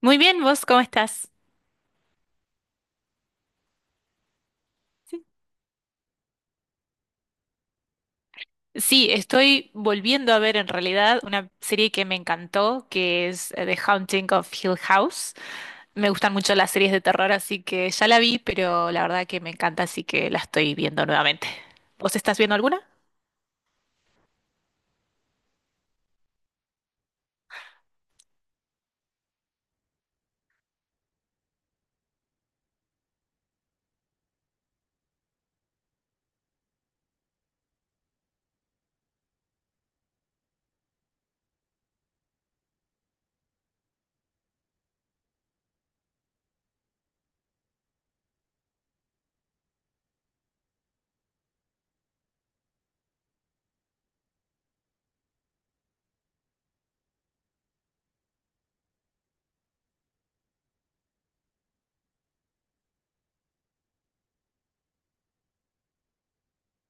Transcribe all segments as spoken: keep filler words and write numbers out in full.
Muy bien, ¿vos cómo estás? Sí, estoy volviendo a ver en realidad una serie que me encantó, que es eh, The Haunting of Hill House. Me gustan mucho las series de terror, así que ya la vi, pero la verdad que me encanta, así que la estoy viendo nuevamente. ¿Vos estás viendo alguna?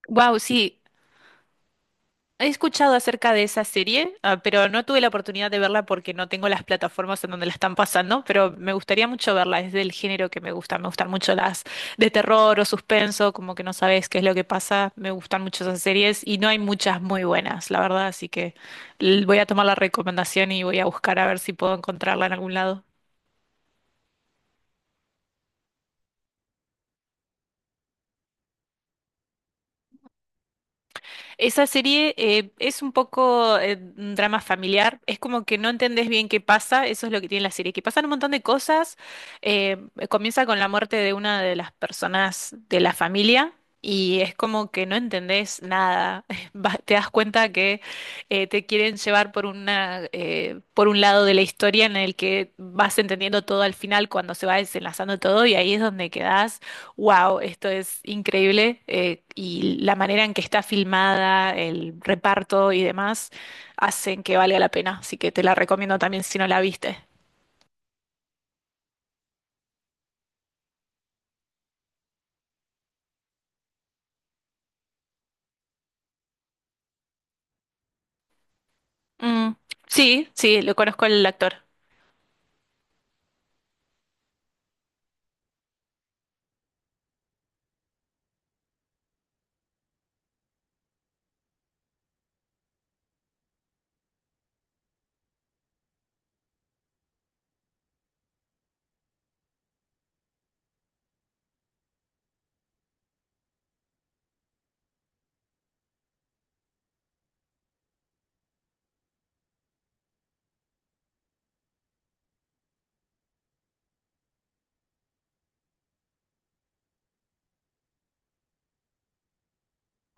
Wow, sí. He escuchado acerca de esa serie, ah, pero no tuve la oportunidad de verla porque no tengo las plataformas en donde la están pasando, pero me gustaría mucho verla, es del género que me gusta, me gustan mucho las de terror o suspenso, como que no sabes qué es lo que pasa, me gustan mucho esas series y no hay muchas muy buenas, la verdad, así que l- voy a tomar la recomendación y voy a buscar a ver si puedo encontrarla en algún lado. Esa serie eh, es un poco eh, un drama familiar, es como que no entendés bien qué pasa, eso es lo que tiene la serie, que pasan un montón de cosas, eh, comienza con la muerte de una de las personas de la familia y es como que no entendés nada. Va- te das cuenta que eh, te quieren llevar por una, eh, por un lado de la historia en el que vas entendiendo todo al final cuando se va desenlazando todo y ahí es donde quedás: wow, esto es increíble, eh, y la manera en que está filmada, el reparto y demás hacen que valga la pena, así que te la recomiendo también si no la viste. Mm, sí, sí, lo conozco al actor.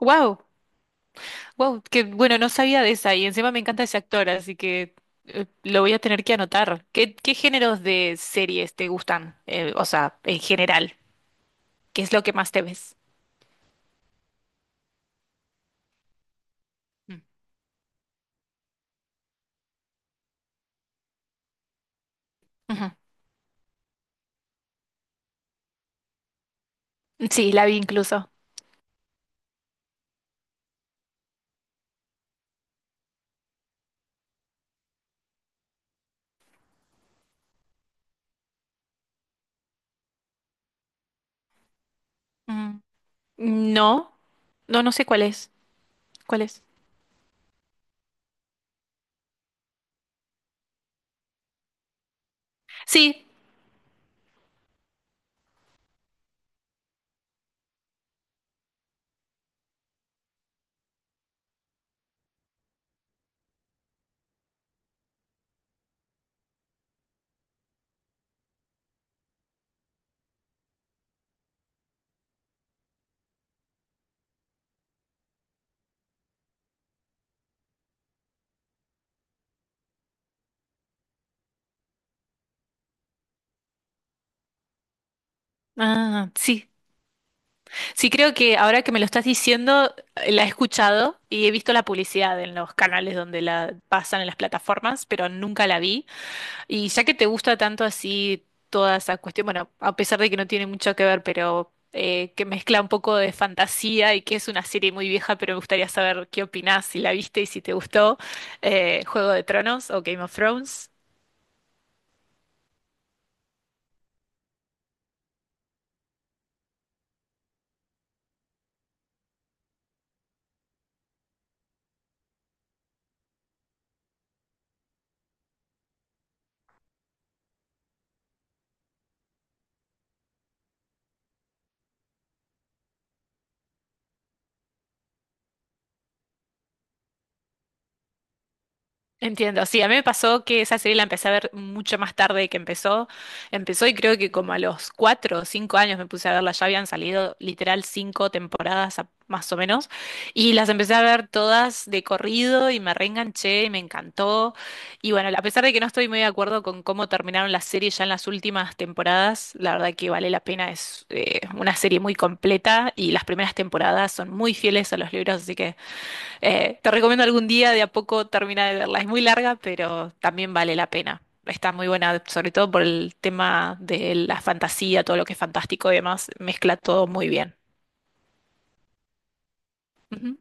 Wow, wow, que bueno, no sabía de esa y encima me encanta ese actor, así que eh, lo voy a tener que anotar. ¿Qué, qué géneros de series te gustan? Eh, o sea, en general, ¿qué es lo que más te ves? Mm, ujú. Sí, la vi incluso. Mm, no, no, no sé cuál es. ¿Cuál es? Sí, ah, sí. Sí, creo que ahora que me lo estás diciendo, eh, la he escuchado y he visto la publicidad en los canales donde la pasan en las plataformas, pero nunca la vi. Y ya que te gusta tanto así toda esa cuestión, bueno, a pesar de que no tiene mucho que ver, pero eh, que mezcla un poco de fantasía y que es una serie muy vieja, pero me gustaría saber qué opinás, si la viste y si te gustó, eh, Juego de Tronos o Game of Thrones. Entiendo, sí, a mí me pasó que esa serie la empecé a ver mucho más tarde que empezó. Empezó y creo que como a los cuatro o cinco años me puse a verla, ya habían salido literal cinco temporadas a- más o menos, y las empecé a ver todas de corrido y me reenganché y me encantó. Y bueno, a pesar de que no estoy muy de acuerdo con cómo terminaron las series ya en las últimas temporadas, la verdad que vale la pena, es eh, una serie muy completa y las primeras temporadas son muy fieles a los libros, así que… Eh, te recomiendo algún día de a poco terminar de verla. Es muy larga, pero también vale la pena. Está muy buena, sobre todo por el tema de la fantasía, todo lo que es fantástico y demás, mezcla todo muy bien. Ujú.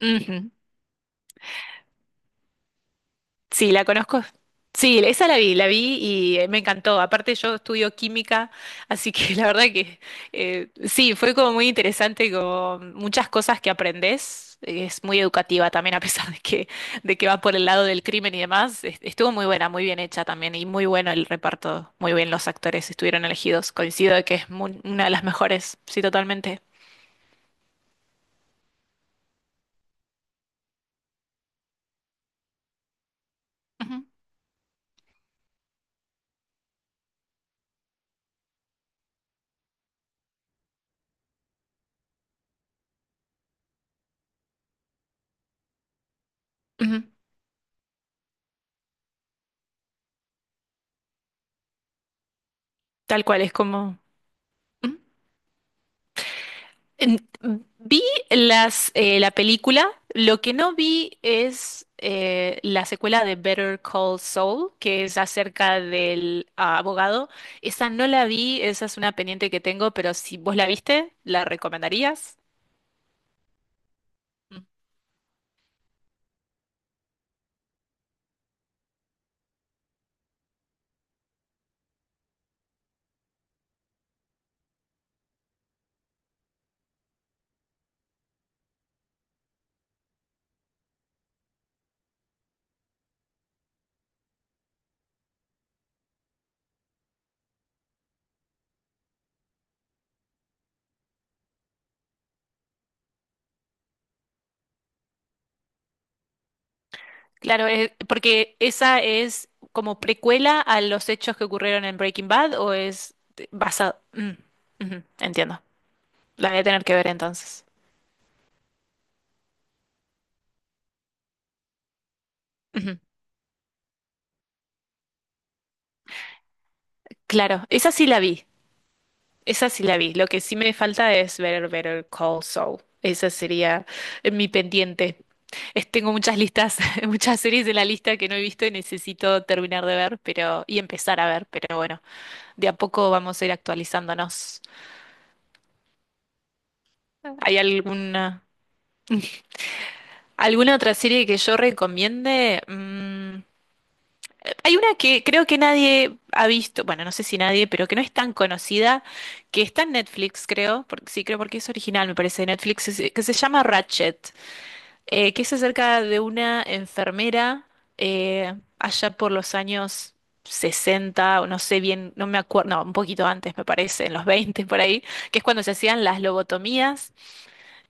Ujú. Sí, la conozco. Sí, esa la vi, la vi y eh, me encantó. Aparte yo estudio química, así que la verdad que eh, sí, fue como muy interesante, como muchas cosas que aprendes. Es muy educativa también, a pesar de que, de que va por el lado del crimen y demás. Es- Estuvo muy buena, muy bien hecha también y muy bueno el reparto. Muy bien los actores estuvieron elegidos. Coincido de que es mu- una de las mejores, sí, totalmente. Ujú, ujú. Tal cual, es como… ujú. En- Vi las, eh, la película, lo que no vi es eh, la secuela de Better Call Saul, que es acerca del ah, abogado. Esa no la vi, esa es una pendiente que tengo, pero si vos la viste, ¿la recomendarías? Mm. Claro, eh, porque esa es como precuela a los hechos que ocurrieron en Breaking Bad o es basado… Mm, ujú, entiendo. La voy a tener que ver entonces. Ujú, claro, esa sí la vi. Esa sí la vi. Lo que sí me falta es ver Better Call Saul. Esa sería eh, mi pendiente. Es- tengo muchas listas, muchas series de la lista que no he visto y necesito terminar de ver, pero y empezar a ver, pero bueno, de a poco vamos a ir actualizándonos. ¿Hay alguna alguna otra serie que yo recomiende? Mm, hay una que creo que nadie ha visto, bueno, no sé si nadie, pero que no es tan conocida, que está en Netflix, creo, porque sí, creo porque es original, me parece, de Netflix, es- que se llama Ratchet. Eh, que es acerca de una enfermera eh, allá por los años sesenta o no sé bien, no me acuerdo, no, un poquito antes me parece, en los veinte por ahí, que es cuando se hacían las lobotomías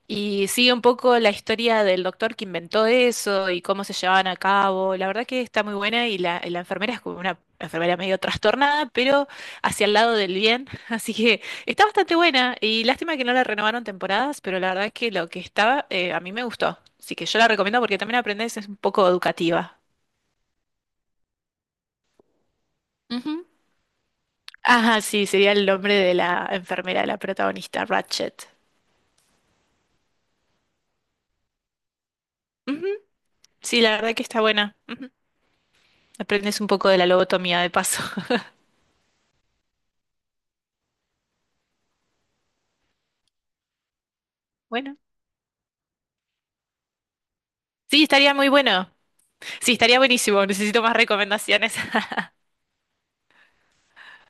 y sigue un poco la historia del doctor que inventó eso y cómo se llevaban a cabo. La verdad que está muy buena y la, la enfermera es como una enfermera medio trastornada, pero hacia el lado del bien. Así que está bastante buena y lástima que no la renovaron temporadas, pero la verdad que lo que estaba eh, a mí me gustó. Así que yo la recomiendo porque también aprendes, es un poco educativa. Ujú. Ajá, sí, sería el nombre de la enfermera, la protagonista, Ratchet. Ujú, sí, la verdad que está buena. Ujú. Aprendes un poco de la lobotomía de paso. Bueno. Sí, estaría muy bueno. Sí, estaría buenísimo. Necesito más recomendaciones.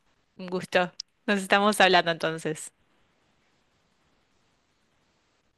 Un gusto. Nos estamos hablando entonces.